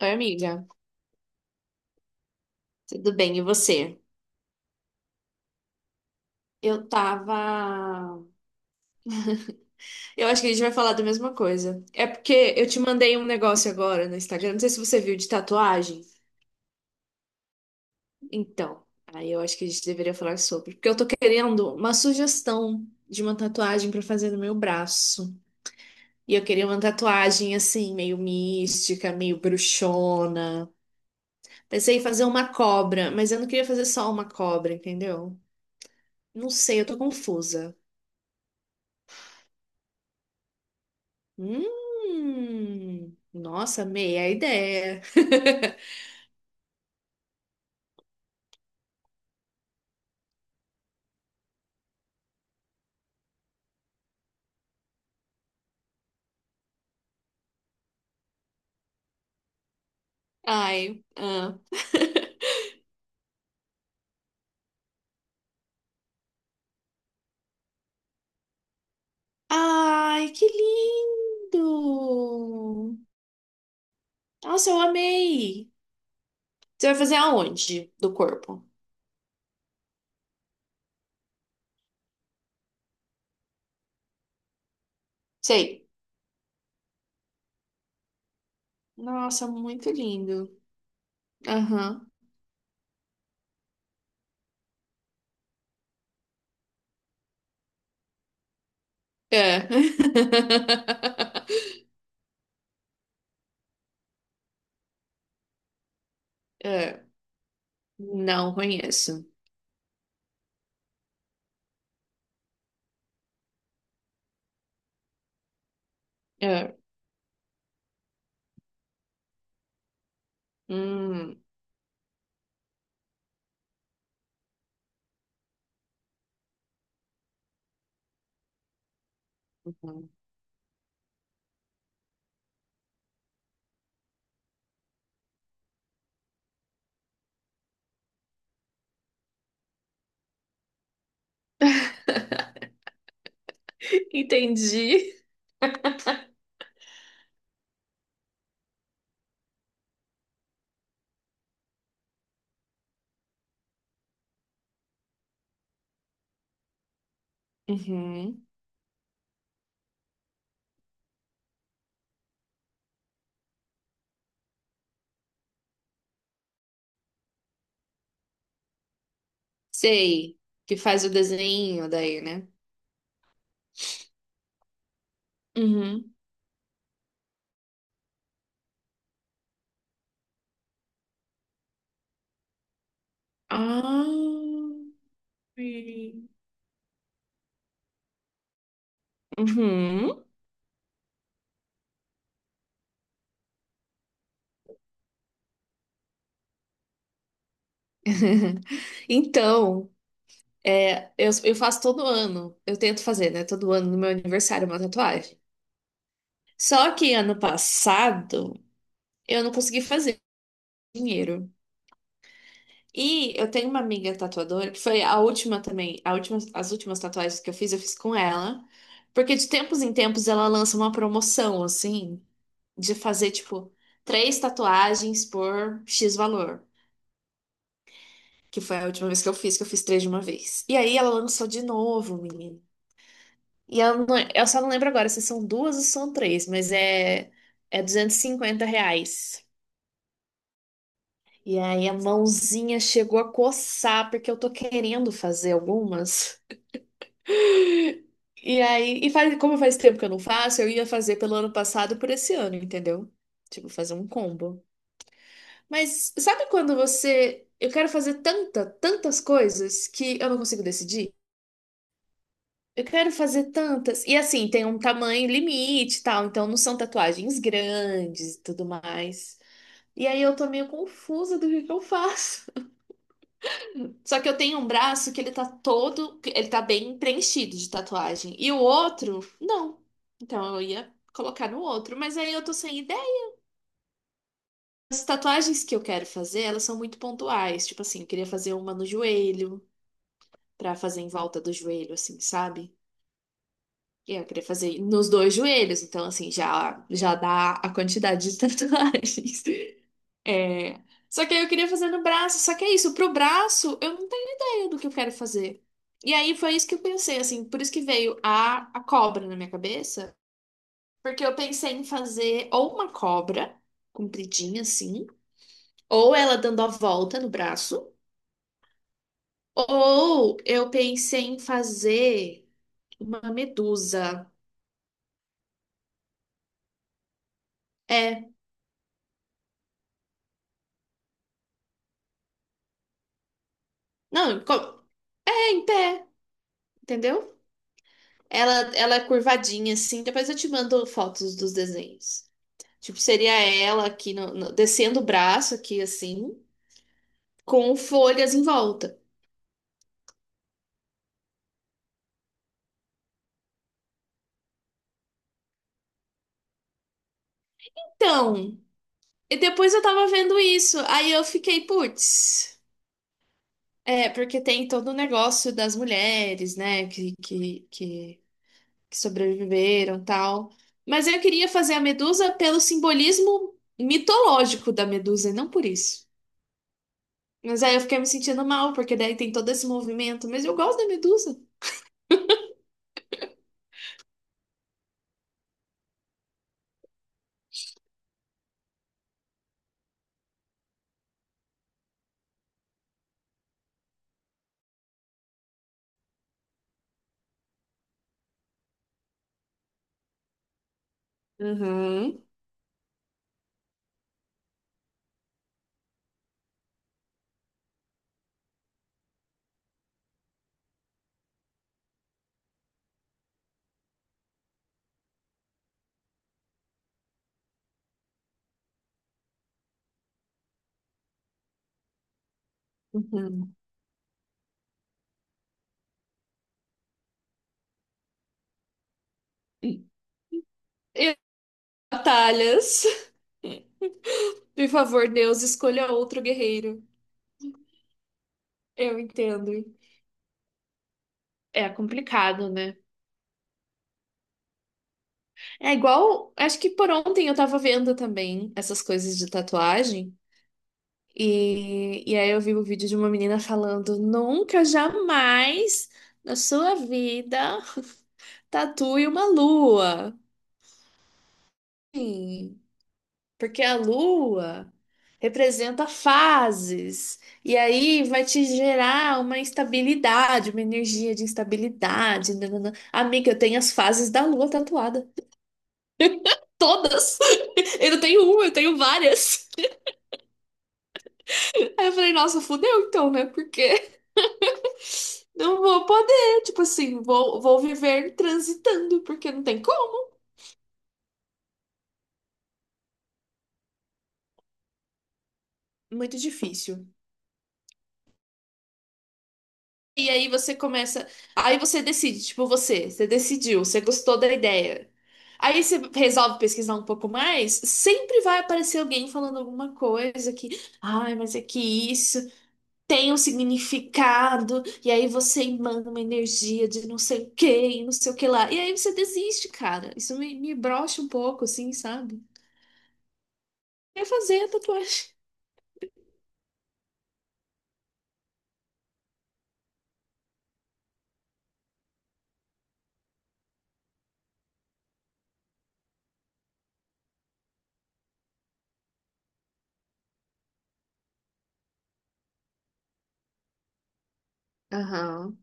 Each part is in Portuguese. Oi, amiga. Tudo bem, e você? Eu tava. Eu acho que a gente vai falar da mesma coisa. É porque eu te mandei um negócio agora no Instagram, não sei se você viu, de tatuagem. Então, aí eu acho que a gente deveria falar sobre. Porque eu tô querendo uma sugestão de uma tatuagem pra fazer no meu braço. E eu queria uma tatuagem assim, meio mística, meio bruxona. Pensei em fazer uma cobra, mas eu não queria fazer só uma cobra, entendeu? Não sei, eu tô confusa. Nossa, amei a ideia. Ai, ah. Ai, que lindo! Nossa, eu amei. Você vai fazer aonde do corpo? Sei. Nossa, muito lindo. Aham. É. É. Não conheço. É. Hum. Uhum. Entendi. Uhum. Sei. Que faz o desenho daí, né? Uhum. Ah, sim. Uhum. Então, é, eu faço todo ano, eu tento fazer, né? Todo ano no meu aniversário uma tatuagem. Só que ano passado eu não consegui fazer dinheiro. E eu tenho uma amiga tatuadora que foi a última também, a última, as últimas tatuagens que eu fiz com ela. Porque de tempos em tempos ela lança uma promoção, assim, de fazer, tipo, três tatuagens por X valor. Que foi a última vez que eu fiz três de uma vez. E aí ela lançou de novo, menino. E eu, eu só não lembro agora se são duas ou são três, mas é, é R$ 250. E aí a mãozinha chegou a coçar, porque eu tô querendo fazer algumas. E aí, e faz, como faz tempo que eu não faço, eu ia fazer pelo ano passado e por esse ano, entendeu? Tipo, fazer um combo. Mas sabe quando você. Eu quero fazer tanta, tantas coisas que eu não consigo decidir? Eu quero fazer tantas. E assim, tem um tamanho limite e tal, então não são tatuagens grandes e tudo mais. E aí eu tô meio confusa do que eu faço. Só que eu tenho um braço que ele tá todo, ele tá bem preenchido de tatuagem. E o outro, não. Então eu ia colocar no outro, mas aí eu tô sem ideia. As tatuagens que eu quero fazer, elas são muito pontuais. Tipo assim, eu queria fazer uma no joelho, pra fazer em volta do joelho, assim, sabe? Eu queria fazer nos dois joelhos, então assim, já, já dá a quantidade de tatuagens. É, só que aí eu queria fazer no braço, só que é isso, pro braço eu não tenho ideia do que eu quero fazer. E aí foi isso que eu pensei, assim, por isso que veio a cobra na minha cabeça, porque eu pensei em fazer ou uma cobra compridinha assim, ou ela dando a volta no braço, ou eu pensei em fazer uma medusa. É, não, é em pé, entendeu? Ela é curvadinha, assim. Depois eu te mando fotos dos desenhos. Tipo, seria ela aqui, descendo o braço aqui, assim, com folhas em volta. Então, e depois eu tava vendo isso. Aí eu fiquei, putz. É, porque tem todo o negócio das mulheres, né, que sobreviveram e tal. Mas eu queria fazer a Medusa pelo simbolismo mitológico da Medusa, e não por isso. Mas aí eu fiquei me sentindo mal, porque daí tem todo esse movimento. Mas eu gosto da Medusa. Uhum, uhum. E batalhas. Por favor, Deus, escolha outro guerreiro. Eu entendo. É complicado, né? É igual. Acho que por ontem eu tava vendo também essas coisas de tatuagem. E aí eu vi o vídeo de uma menina falando: nunca, jamais na sua vida tatue uma lua. Sim, porque a lua. Representa fases, e aí vai te gerar uma instabilidade, uma energia de instabilidade. Nananã. Amiga, eu tenho as fases da lua tatuada. Todas! Eu não tenho uma, eu tenho várias. Aí eu falei, nossa, fudeu então, né? Porque não vou poder, tipo assim, vou, vou viver transitando, porque não tem como. Muito difícil. E aí você começa. Aí você decide, tipo, você decidiu, você gostou da ideia. Aí você resolve pesquisar um pouco mais, sempre vai aparecer alguém falando alguma coisa que, ai, mas é que isso tem um significado, e aí você manda uma energia de não sei o que, e não sei o que lá. E aí você desiste, cara. Isso me brocha um pouco, assim, sabe? Quer fazer a tatuagem. Aham.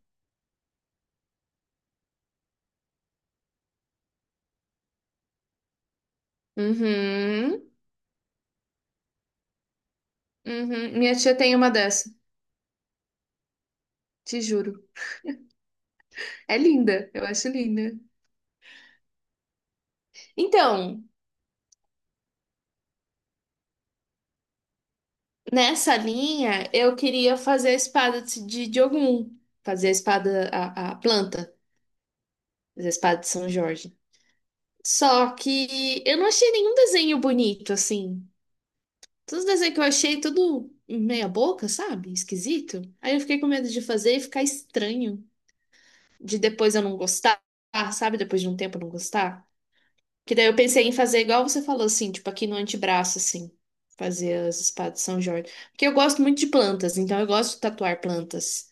Uhum. Uhum. Minha tia tem uma dessa, te juro. É linda, eu acho linda. Então, nessa linha, eu queria fazer a espada de Diogun, fazer a espada, a planta, fazer a espada de São Jorge. Só que eu não achei nenhum desenho bonito, assim. Todos os desenhos que eu achei, tudo meia boca, sabe? Esquisito. Aí eu fiquei com medo de fazer e ficar estranho, de depois eu não gostar, sabe? Depois de um tempo eu não gostar. Que daí eu pensei em fazer igual você falou, assim, tipo aqui no antebraço, assim, fazer as espadas de São Jorge. Porque eu gosto muito de plantas, então eu gosto de tatuar plantas.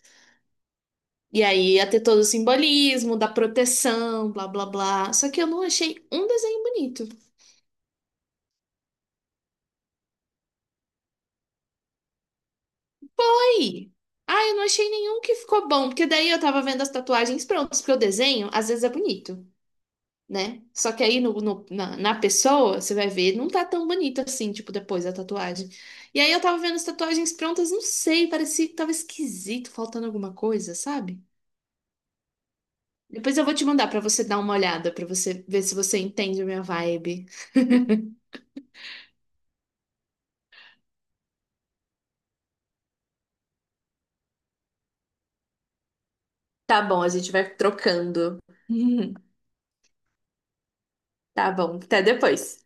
E aí ia ter todo o simbolismo da proteção, blá blá blá. Só que eu não achei um desenho bonito. Aí, ah, eu não achei nenhum que ficou bom, porque daí eu tava vendo as tatuagens prontas, porque o desenho às vezes é bonito. Né? Só que aí na pessoa, você vai ver, não tá tão bonito assim, tipo, depois da tatuagem. E aí eu tava vendo as tatuagens prontas, não sei, parecia que tava esquisito, faltando alguma coisa, sabe? Depois eu vou te mandar pra você dar uma olhada, pra você ver se você entende a minha vibe. Tá bom, a gente vai trocando. Tá bom, até depois.